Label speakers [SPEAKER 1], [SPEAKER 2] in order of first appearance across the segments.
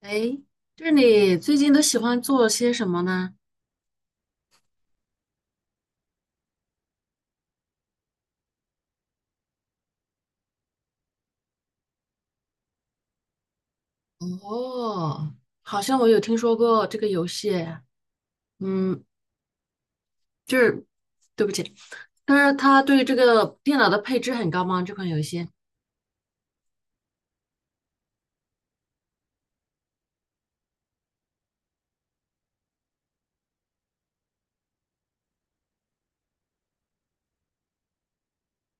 [SPEAKER 1] 哎，就是你最近都喜欢做些什么呢？哦，好像我有听说过这个游戏，嗯，就是对不起，但是它对这个电脑的配置很高吗？这款游戏？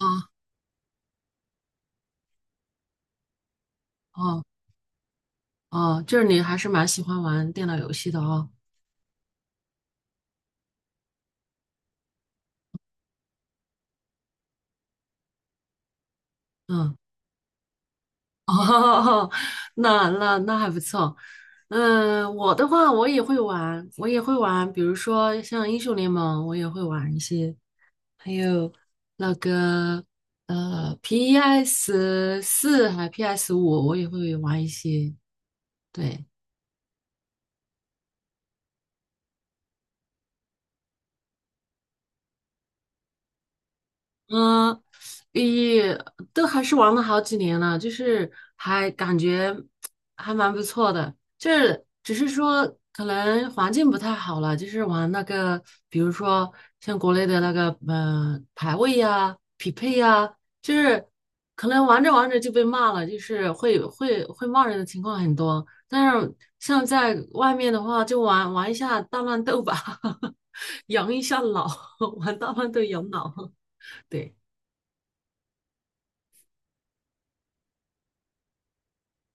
[SPEAKER 1] 啊哦哦，就是你还是蛮喜欢玩电脑游戏的哦。嗯，哦，那还不错。嗯，我的话我也会玩，我也会玩，比如说像英雄联盟，我也会玩一些。还有那个PS4还 PS5，我也会玩一些。对，嗯，也都还是玩了好几年了，就是还感觉还蛮不错的，就是只是说可能环境不太好了，就是玩那个，比如说像国内的那个排位呀、匹配呀，就是可能玩着玩着就被骂了，就是会骂人的情况很多。但是像在外面的话，就玩玩一下大乱斗吧，养一下老，玩大乱斗养老，对。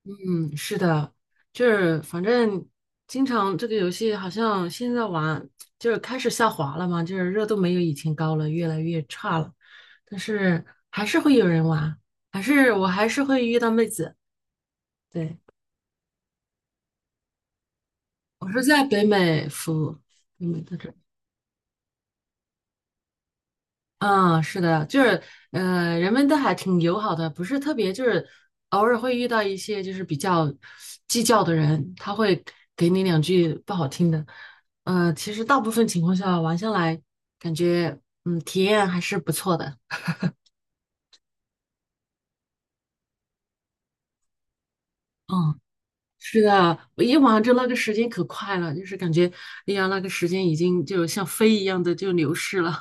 [SPEAKER 1] 嗯，是的，就是反正经常这个游戏好像现在玩就是开始下滑了嘛，就是热度没有以前高了，越来越差了，但是还是会有人玩，还是我还是会遇到妹子。对，我是在北美服务，北美的这。嗯，是的，就是，人们都还挺友好的，不是特别，就是偶尔会遇到一些就是比较计较的人，他会给你两句不好听的。其实大部分情况下玩下来，感觉体验还是不错的。嗯，是的，我一玩就那个时间可快了，就是感觉，哎呀，那个时间已经就像飞一样的就流逝了。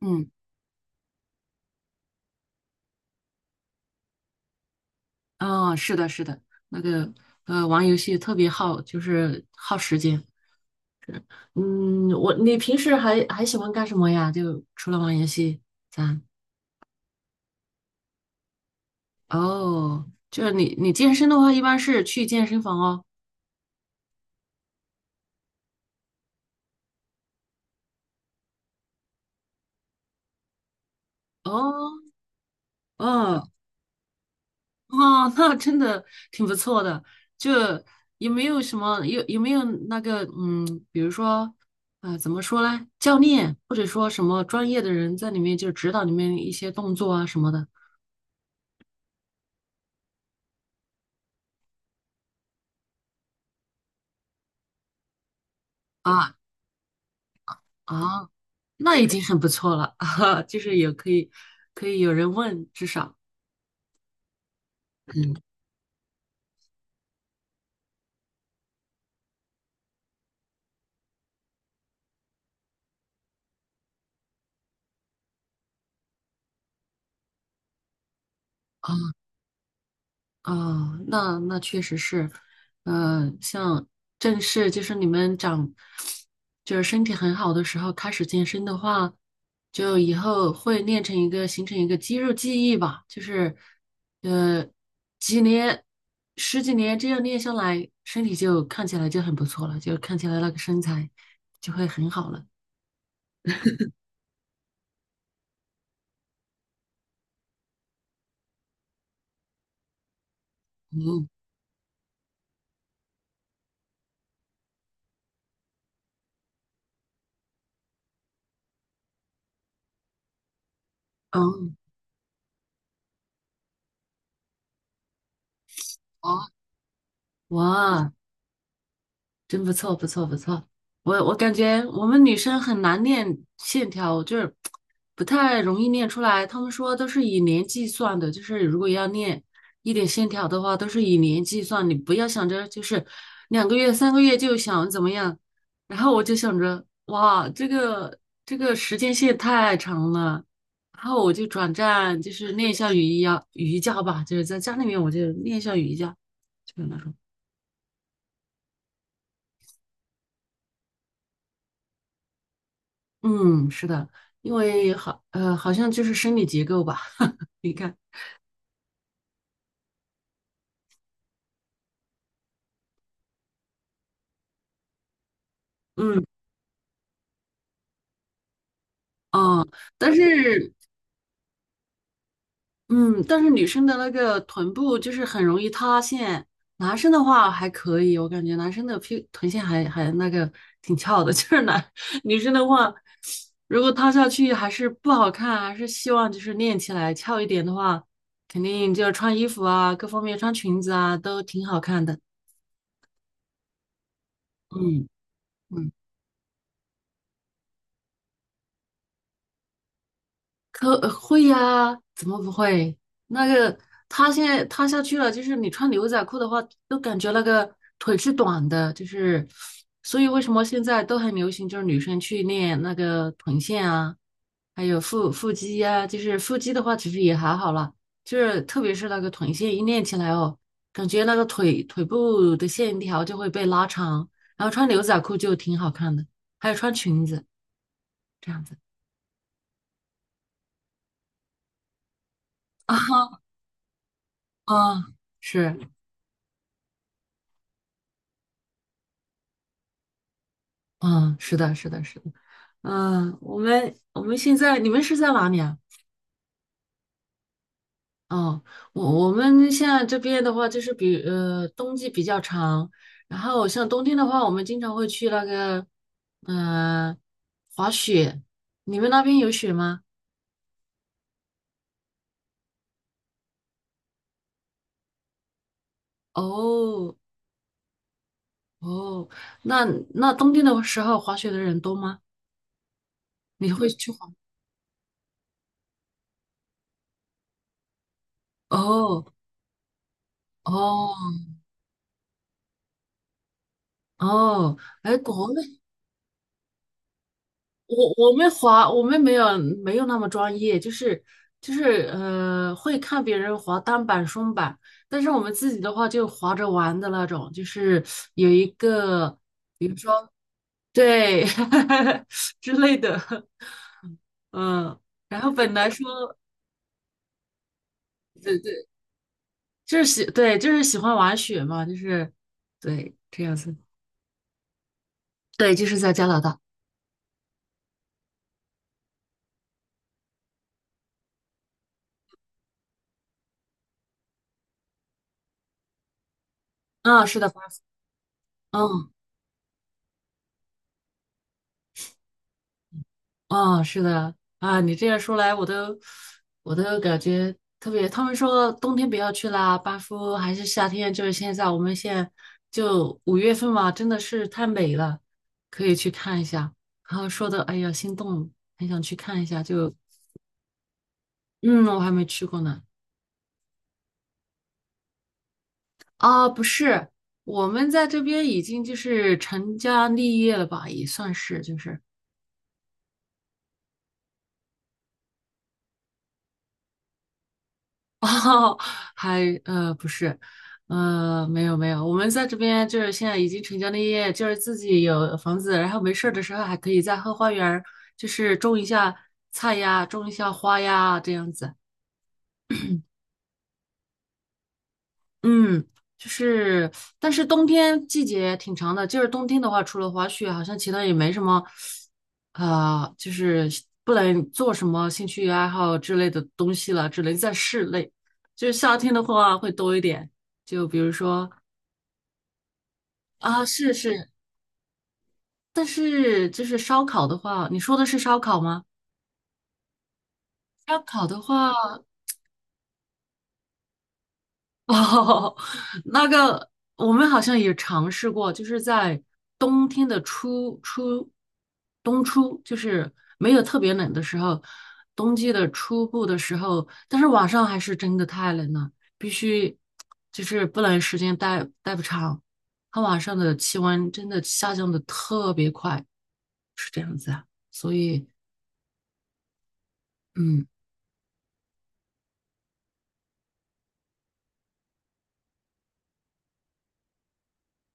[SPEAKER 1] 嗯，啊，是的，是的，那个玩游戏特别耗，就是耗时间。嗯，我，你平时还喜欢干什么呀？就除了玩游戏，咱哦，就是你健身的话，一般是去健身房哦。哦，哦，哦，那真的挺不错的。就有没有什么有没有那个比如说怎么说呢？教练或者说什么专业的人在里面就指导你们一些动作啊什么的啊啊，那已经很不错了 啊，就是有可以可以有人问，至少。啊。哦，那确实是，像正式就是你们长，就是身体很好的时候开始健身的话，就以后会练成一个形成一个肌肉记忆吧，就是呃几年十几年这样练下来，身体就看起来就很不错了，就看起来那个身材就会很好了。嗯，哦，哦，哇，真不错，不错，不错。我感觉我们女生很难练线条，就是不太容易练出来。他们说都是以年计算的，就是如果要练一点线条的话，都是以年计算。你不要想着就是两个月、三个月就想怎么样。然后我就想着，哇，这个时间线太长了。然后我就转战，就是练一下瑜伽，瑜伽吧，就是在家里面我就练一下瑜伽，就是那种。嗯，是的，因为好，好像就是生理结构吧，你看，嗯，啊，但是，嗯，但是女生的那个臀部就是很容易塌陷，男生的话还可以，我感觉男生的屁臀线还那个挺翘的，就是男 女生的话，如果塌下去还是不好看，还是希望就是练起来翘一点的话，肯定就穿衣服啊，各方面穿裙子啊都挺好看的，嗯嗯会呀，怎么不会？那个塌现在塌下去了，就是你穿牛仔裤的话，都感觉那个腿是短的，就是，所以为什么现在都很流行，就是女生去练那个臀线啊，还有腹肌呀、就是腹肌的话，其实也还好啦，就是特别是那个臀线一练起来哦，感觉那个腿部的线条就会被拉长，然后穿牛仔裤就挺好看的，还有穿裙子这样子啊啊，是。嗯，是的，是的，是的，嗯，我们现在你们是在哪里啊？哦，我们现在这边的话，就是冬季比较长，然后像冬天的话，我们经常会去那个嗯、呃滑雪。你们那边有雪吗？哦哦，那那冬天的时候滑雪的人多吗？你会去滑？哦哦哦，哎，国内。我们滑，我们没有那么专业，就是会看别人滑单板、双板，但是我们自己的话就滑着玩的那种，就是有一个，比如说对 之类的，嗯，然后本来说对对，就是喜对就是喜欢玩雪嘛，就是对这样子，对，就是在加拿大，嗯，是的，巴斯嗯啊，是的啊，你这样说来，我都感觉特别。他们说冬天不要去啦，班夫还是夏天，就是现在，我们现在就5月份嘛，真的是太美了，可以去看一下。然后说的，哎呀，心动，很想去看一下。就嗯，我还没去过呢。啊，不是，我们在这边已经就是成家立业了吧，也算是就是。哦，还不是，没有没有，我们在这边就是现在已经成家立业，就是自己有房子，然后没事儿的时候还可以在后花园儿就是种一下菜呀，种一下花呀，这样子。嗯，就是，但是冬天季节挺长的，就是冬天的话，除了滑雪，好像其他也没什么，啊、就是不能做什么兴趣爱好之类的东西了，只能在室内。就是夏天的话会多一点。就比如说，啊，是是，但是就是烧烤的话，你说的是烧烤吗？烧烤的话，哦，那个我们好像也尝试过，就是在冬天的冬初，就是没有特别冷的时候，冬季的初步的时候，但是晚上还是真的太冷了，必须就是不能时间待不长，它晚上的气温真的下降的特别快，是这样子啊，所以。嗯，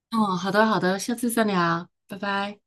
[SPEAKER 1] 嗯，好的，好的，下次再聊，拜拜。